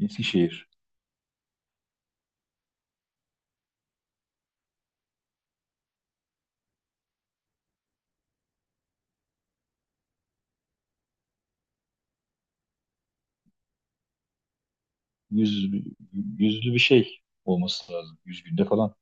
Eskişehir. Yüz, Yüzlü bir şey olması lazım. Yüz günde falan.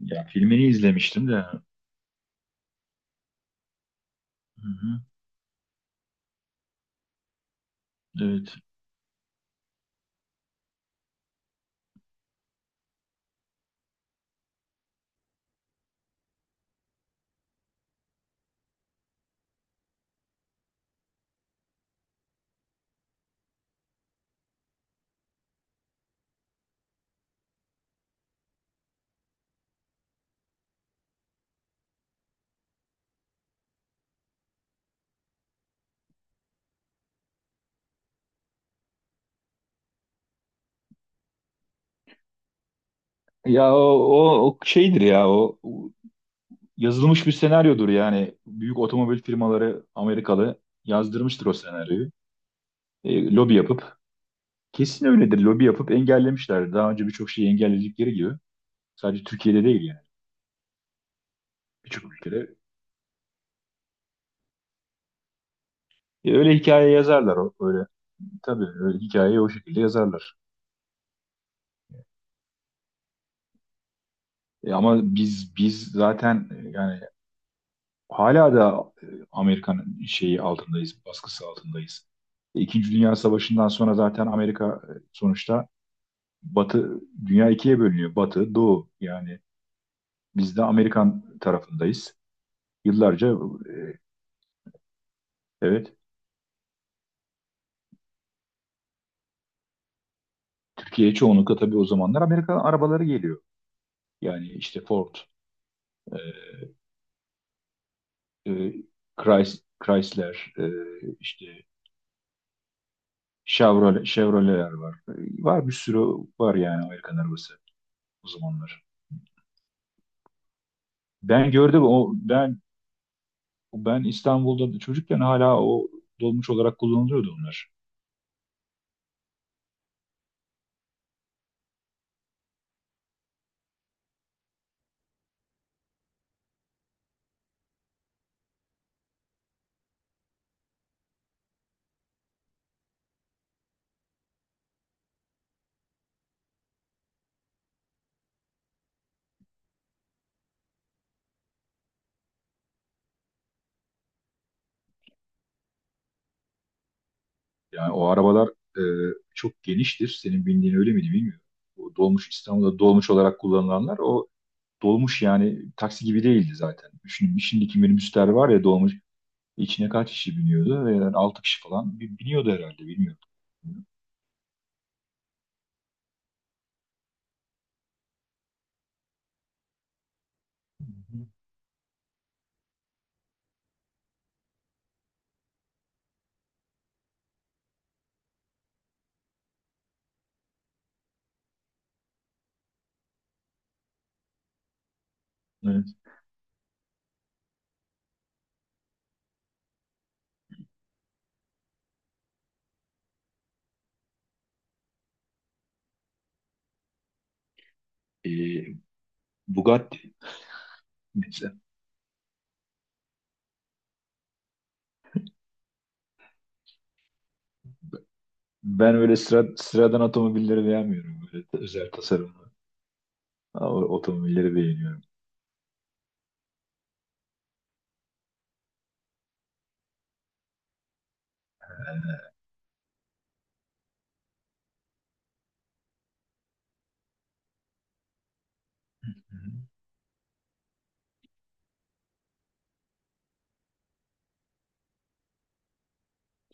Ya filmini izlemiştim de. Hı-hı. Evet. Ya o şeydir ya o yazılmış bir senaryodur yani. Büyük otomobil firmaları Amerikalı yazdırmıştır o senaryoyu. Lobi yapıp kesin öyledir. Lobi yapıp engellemişler. Daha önce birçok şeyi engelledikleri gibi. Sadece Türkiye'de değil yani. Birçok ülkede. E, öyle hikaye yazarlar o öyle. Tabii öyle hikayeyi o şekilde yazarlar. Ama biz zaten yani hala da Amerika'nın şeyi altındayız, baskısı altındayız. İkinci Dünya Savaşı'ndan sonra zaten Amerika, sonuçta Batı dünya ikiye bölünüyor. Batı, Doğu, yani biz de Amerikan tarafındayız. Yıllarca evet, Türkiye'ye çoğunlukla tabii o zamanlar Amerika arabaları geliyor. Yani işte Ford, e, e, Chrysler, işte Chevrolet, Chevrolet'ler var. E, var bir sürü, var yani Amerikan arabası o zamanlar. Ben gördüm o, ben İstanbul'da çocukken hala o dolmuş olarak kullanılıyordu onlar. Yani o arabalar e, çok geniştir. Senin bindiğin öyle miydi bilmiyorum. O dolmuş, İstanbul'da dolmuş olarak kullanılanlar, o dolmuş yani taksi gibi değildi zaten. Şimdiki minibüsler var ya, dolmuş içine kaç kişi biniyordu? Ve yani 6 kişi falan biniyordu herhalde, bilmiyorum. Evet. E, Bugatti mesela. Ben öyle sıradan otomobilleri beğenmiyorum. Böyle özel tasarım. Otomobilleri beğeniyorum. Hı-hı.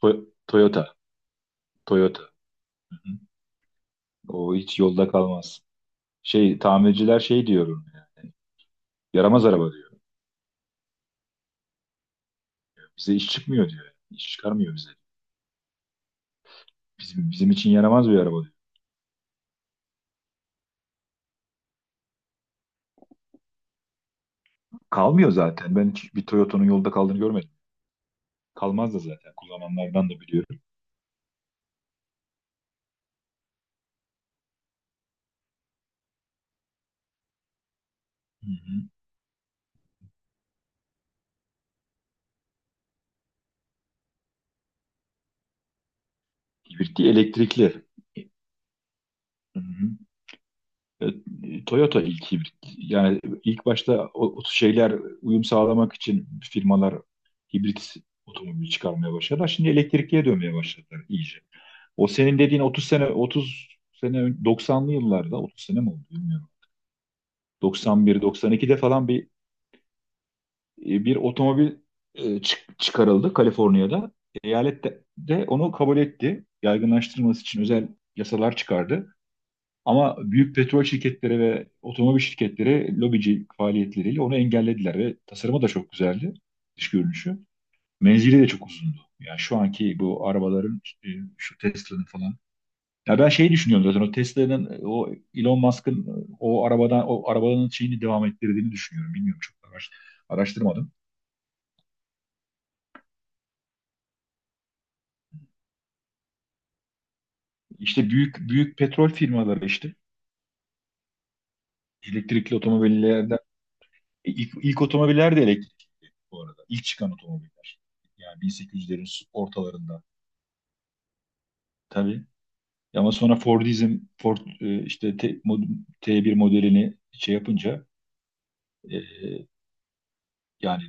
Toyota. Toyota. Hı-hı. O hiç yolda kalmaz. Şey, tamirciler şey diyorum yani. Yaramaz araba diyor. Bize iş çıkmıyor diyor. Yani, İş çıkarmıyor bize. Bizim, bizim için yaramaz bir araba diyor. Kalmıyor zaten. Ben hiç bir Toyota'nın yolda kaldığını görmedim. Kalmaz da zaten. Kullananlardan da biliyorum. Hı-hı. Hibrit değil, elektrikli. Hı-hı. E, Toyota ilk hibrit. Yani ilk başta o şeyler, uyum sağlamak için firmalar hibrit otomobili çıkarmaya başladılar. Şimdi elektrikliye dönmeye başladılar iyice. O senin dediğin 30 sene, 30 sene 90'lı yıllarda, 30 sene mi oldu bilmiyorum. 91, 92'de falan bir otomobil, çıkarıldı Kaliforniya'da. Eyalet de onu kabul etti. Yaygınlaştırılması için özel yasalar çıkardı. Ama büyük petrol şirketleri ve otomobil şirketleri lobici faaliyetleriyle onu engellediler ve tasarımı da çok güzeldi, dış görünüşü. Menzili de çok uzundu. Yani şu anki bu arabaların işte, şu Tesla'nın falan. Ya ben şeyi düşünüyorum, zaten o Tesla'nın, o Elon Musk'ın, o arabadan, o arabanın şeyini devam ettirdiğini düşünüyorum. Bilmiyorum, çok araştırmadım. İşte büyük büyük petrol firmaları işte, elektrikli otomobiller. İlk otomobiller de elektrikli bu arada. İlk çıkan otomobiller. Yani 1800'lerin ortalarında. Tabii. Ama sonra Fordizm, Ford, işte T1 modelini şey yapınca, e, yani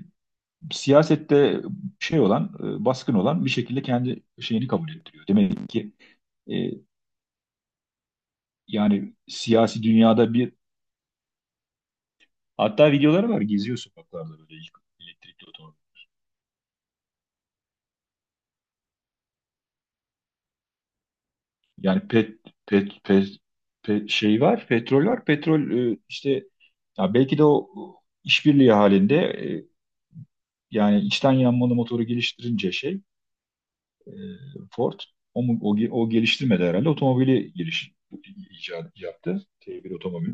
siyasette şey olan, baskın olan bir şekilde kendi şeyini kabul ettiriyor. Demek ki, e, yani siyasi dünyada bir, hatta videoları var, geziyor sokaklarda böyle ilk elektrikli otomobil. Yani pet pet pet, Şey var, petrol var. Petrol, işte ya belki de o işbirliği halinde, yani içten yanmalı motoru geliştirince şey, e, Ford o, mu- o, ge- o geliştirmedi herhalde otomobili, giriş icat yaptı. T1 otomobil.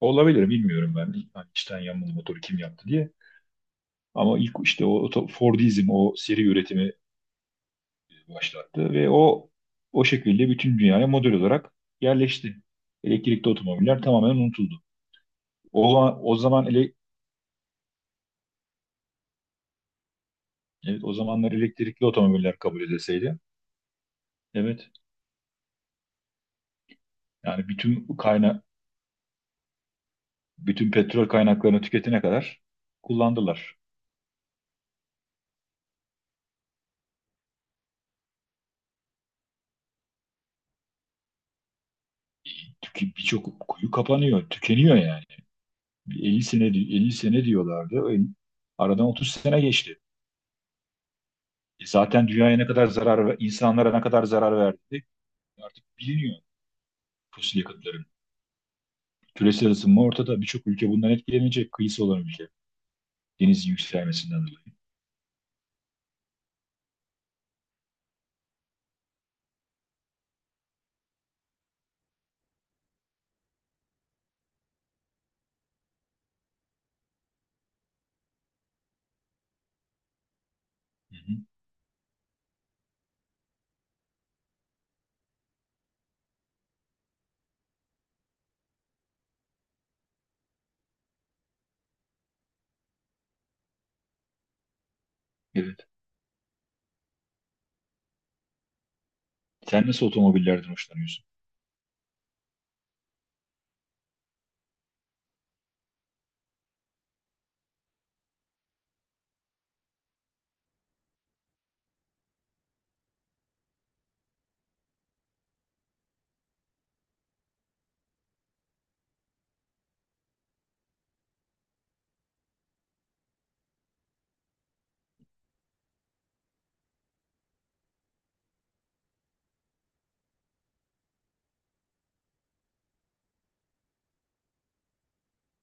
Olabilir, bilmiyorum ben. Hani içten yanmalı motoru kim yaptı diye. Ama ilk işte Fordizm o seri üretimi başlattı ve o şekilde bütün dünyaya model olarak yerleşti. Elektrikli otomobiller tamamen unutuldu. O zaman, o zaman ele, evet, o zamanlar elektrikli otomobiller kabul edilseydi, evet, yani bütün petrol kaynaklarını tüketene kadar kullandılar. Birçok kuyu kapanıyor, tükeniyor yani. Bir 50 sene, 50 sene diyorlardı. Aradan 30 sene geçti. E zaten dünyaya ne kadar zarar ve insanlara ne kadar zarar verdi artık biliniyor fosil yakıtların. Küresel ısınma ortada. Birçok ülke bundan etkilenecek. Kıyısı olan ülke. Deniz yükselmesinden dolayı. Hı hı. Evet. Sen nasıl otomobillerden hoşlanıyorsun?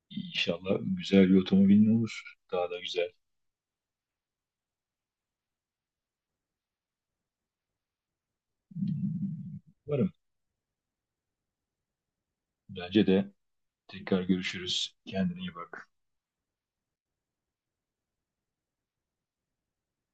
İnşallah güzel bir otomobilin olur. Daha da güzel. Varım. Bence de tekrar görüşürüz. Kendine iyi bak.